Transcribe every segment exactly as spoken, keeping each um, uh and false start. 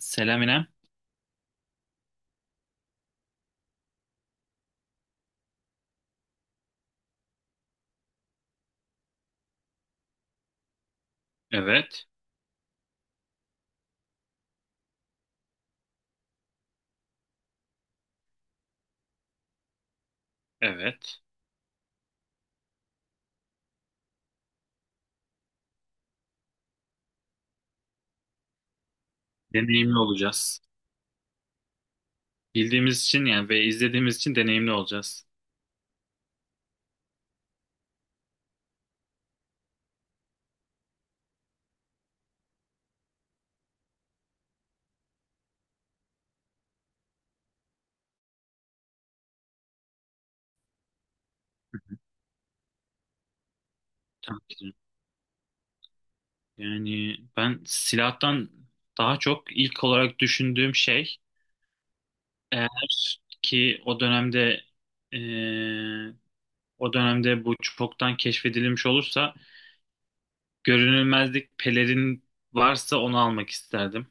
Selam İrem. Evet, evet. Deneyimli olacağız. Bildiğimiz için yani ve izlediğimiz için deneyimli olacağız. Tabii ki. Yani ben silahtan daha çok ilk olarak düşündüğüm şey eğer ki o dönemde eee, o dönemde bu çoktan keşfedilmiş olursa görünülmezlik pelerin varsa onu almak isterdim.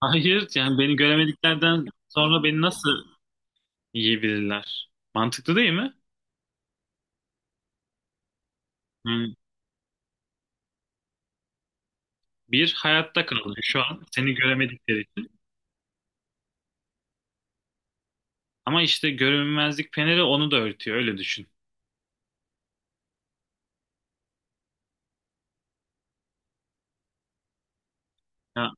Hayır yani beni göremediklerden sonra beni nasıl yiyebilirler? Mantıklı değil mi? Bir, hayatta kaldın şu an. Seni göremedikleri için. Ama işte görünmezlik peneri onu da örtüyor. Öyle düşün. Ya,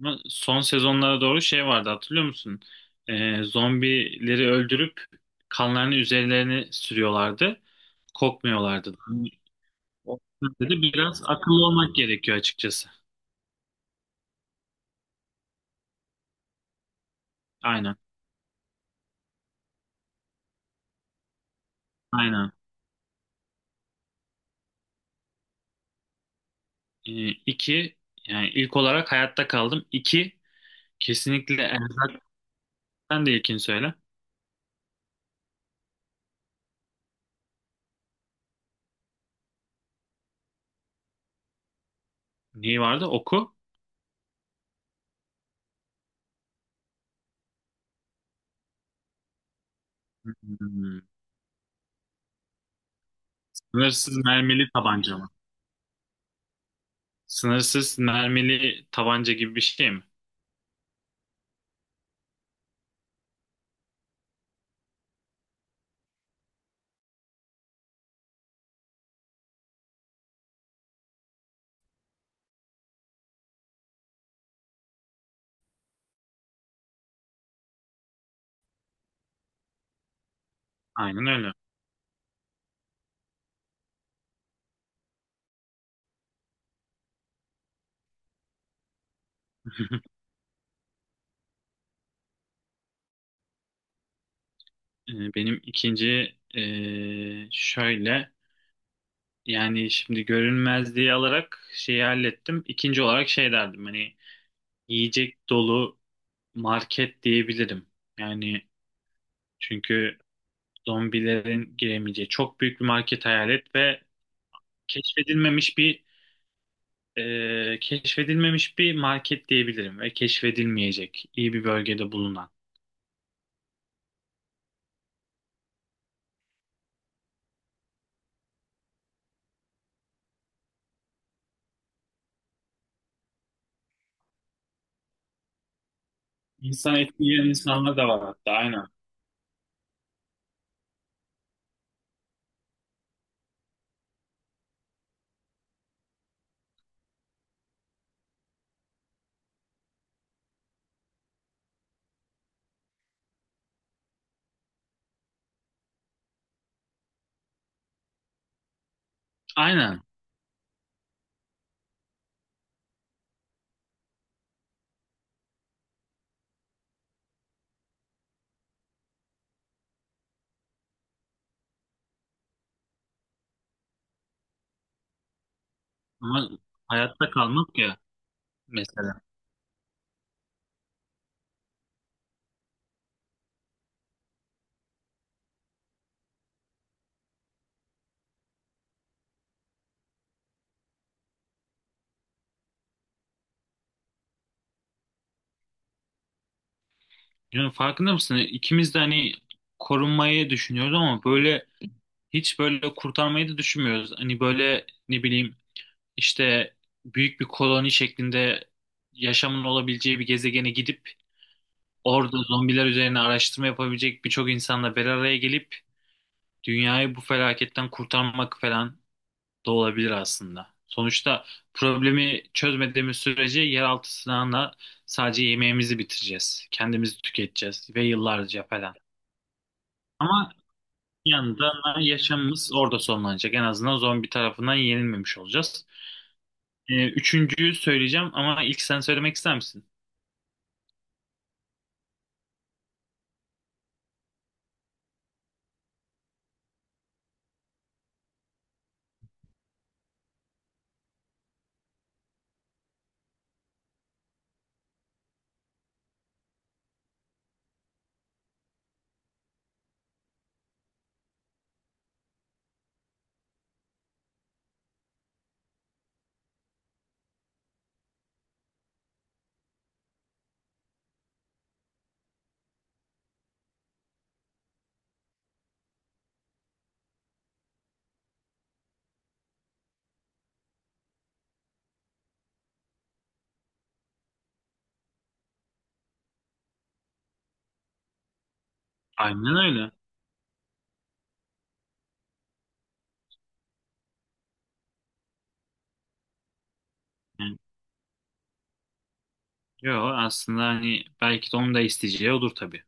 ama son sezonlara doğru şey vardı hatırlıyor musun? Ee, zombileri öldürüp kanlarını üzerlerine sürüyorlardı. Kokmuyorlardı. Yani o yüzden de biraz akıllı olmak gerekiyor açıkçası. Aynen. Aynen. Ee, iki, yani ilk olarak hayatta kaldım. İki, kesinlikle erzak. Sen de ilkini söyle. Neyi vardı? Oku. Hmm. Sınırsız mermili tabanca mı? Sınırsız mermili tabanca gibi bir şey mi? Aynen öyle. Ee, Benim ikinci ee, şöyle yani şimdi görünmezliği alarak şeyi hallettim. İkinci olarak şey derdim hani yiyecek dolu market diyebilirim. Yani çünkü zombilerin giremeyeceği çok büyük bir market hayal et ve keşfedilmemiş bir ee, keşfedilmemiş bir market diyebilirim ve keşfedilmeyecek iyi bir bölgede bulunan. İnsan eti yiyen insanlar da var hatta aynen. Aynen ama hayatta kalmak ya mesela. Yani farkında mısın? İkimiz de hani korunmayı düşünüyoruz ama böyle hiç böyle kurtarmayı da düşünmüyoruz. Hani böyle ne bileyim işte büyük bir koloni şeklinde yaşamın olabileceği bir gezegene gidip orada zombiler üzerine araştırma yapabilecek birçok insanla bir araya gelip dünyayı bu felaketten kurtarmak falan da olabilir aslında. Sonuçta problemi çözmediğimiz sürece yeraltı silahına sadece yemeğimizi bitireceğiz. Kendimizi tüketeceğiz ve yıllarca falan. Ama bir yandan yaşamımız orada sonlanacak. En azından zombi tarafından yenilmemiş olacağız. Ee, üçüncüyü söyleyeceğim ama ilk sen söylemek ister misin? Aynen öyle. Yani, yo aslında hani belki de onu da isteyeceği odur tabii.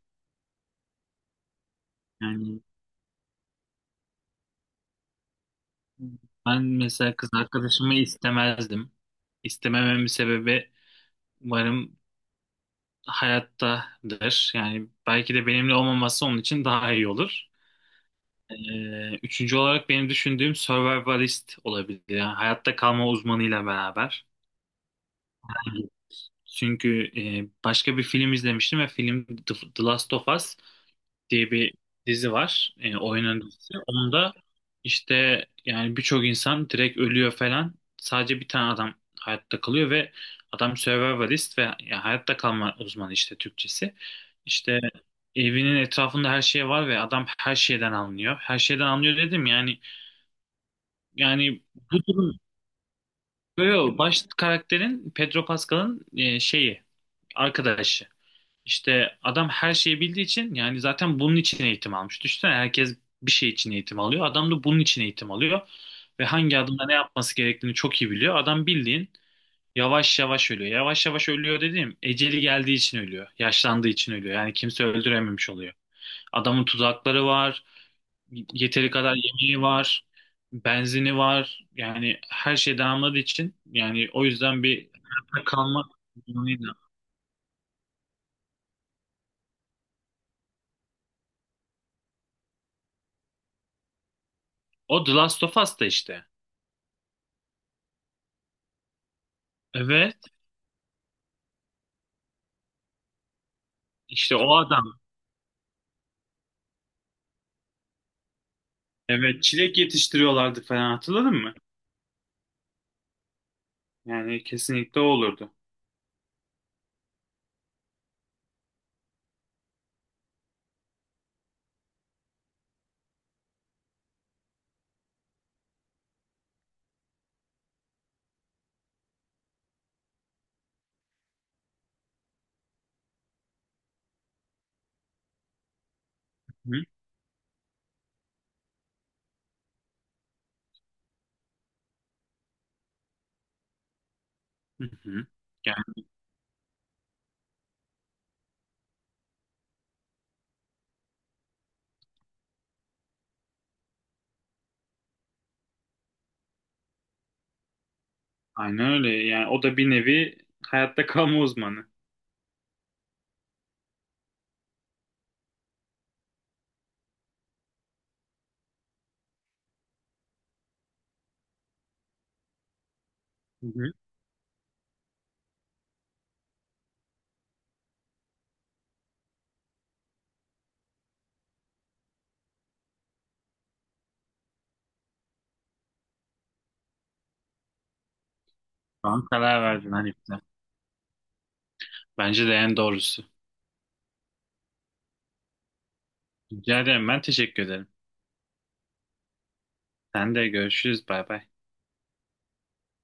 Yani ben mesela kız arkadaşımı istemezdim. İstemememin sebebi umarım hayattadır. Yani belki de benimle olmaması onun için daha iyi olur. Ee, üçüncü olarak benim düşündüğüm survivalist olabilir. Yani hayatta kalma uzmanıyla beraber. Çünkü e, başka bir film izlemiştim ve film The The Last of Us diye bir dizi var. E, oyunun dizisi. Onda işte yani birçok insan direkt ölüyor falan. Sadece bir tane adam hayatta kalıyor ve adam survivalist ve ya hayatta kalma uzmanı işte Türkçesi. İşte evinin etrafında her şey var ve adam her şeyden anlıyor. Her şeyden anlıyor dedim yani yani bu durum böyle yo, baş karakterin Pedro Pascal'ın e, şeyi arkadaşı. İşte adam her şeyi bildiği için yani zaten bunun için eğitim almış. Düşünsene herkes bir şey için eğitim alıyor. Adam da bunun için eğitim alıyor. Ve hangi adımda ne yapması gerektiğini çok iyi biliyor. Adam bildiğin yavaş yavaş ölüyor. Yavaş yavaş ölüyor dediğim eceli geldiği için ölüyor. Yaşlandığı için ölüyor. Yani kimse öldürememiş oluyor. Adamın tuzakları var. Yeteri kadar yemeği var. Benzini var. Yani her şey damladığı için yani o yüzden bir hayatta kalma durumuyla. O The Last of Us'ta işte. Evet. İşte o adam. Evet, çilek yetiştiriyorlardı falan hatırladın mı? Yani kesinlikle o olurdu. Hı hı. Hı. Yani aynen öyle. Yani o da bir nevi hayatta kalma uzmanı. Hı hı. Şu an karar verdin Hanif'le. Bence de en doğrusu. Rica ederim. Ben teşekkür ederim. Sen de görüşürüz. Bay bay.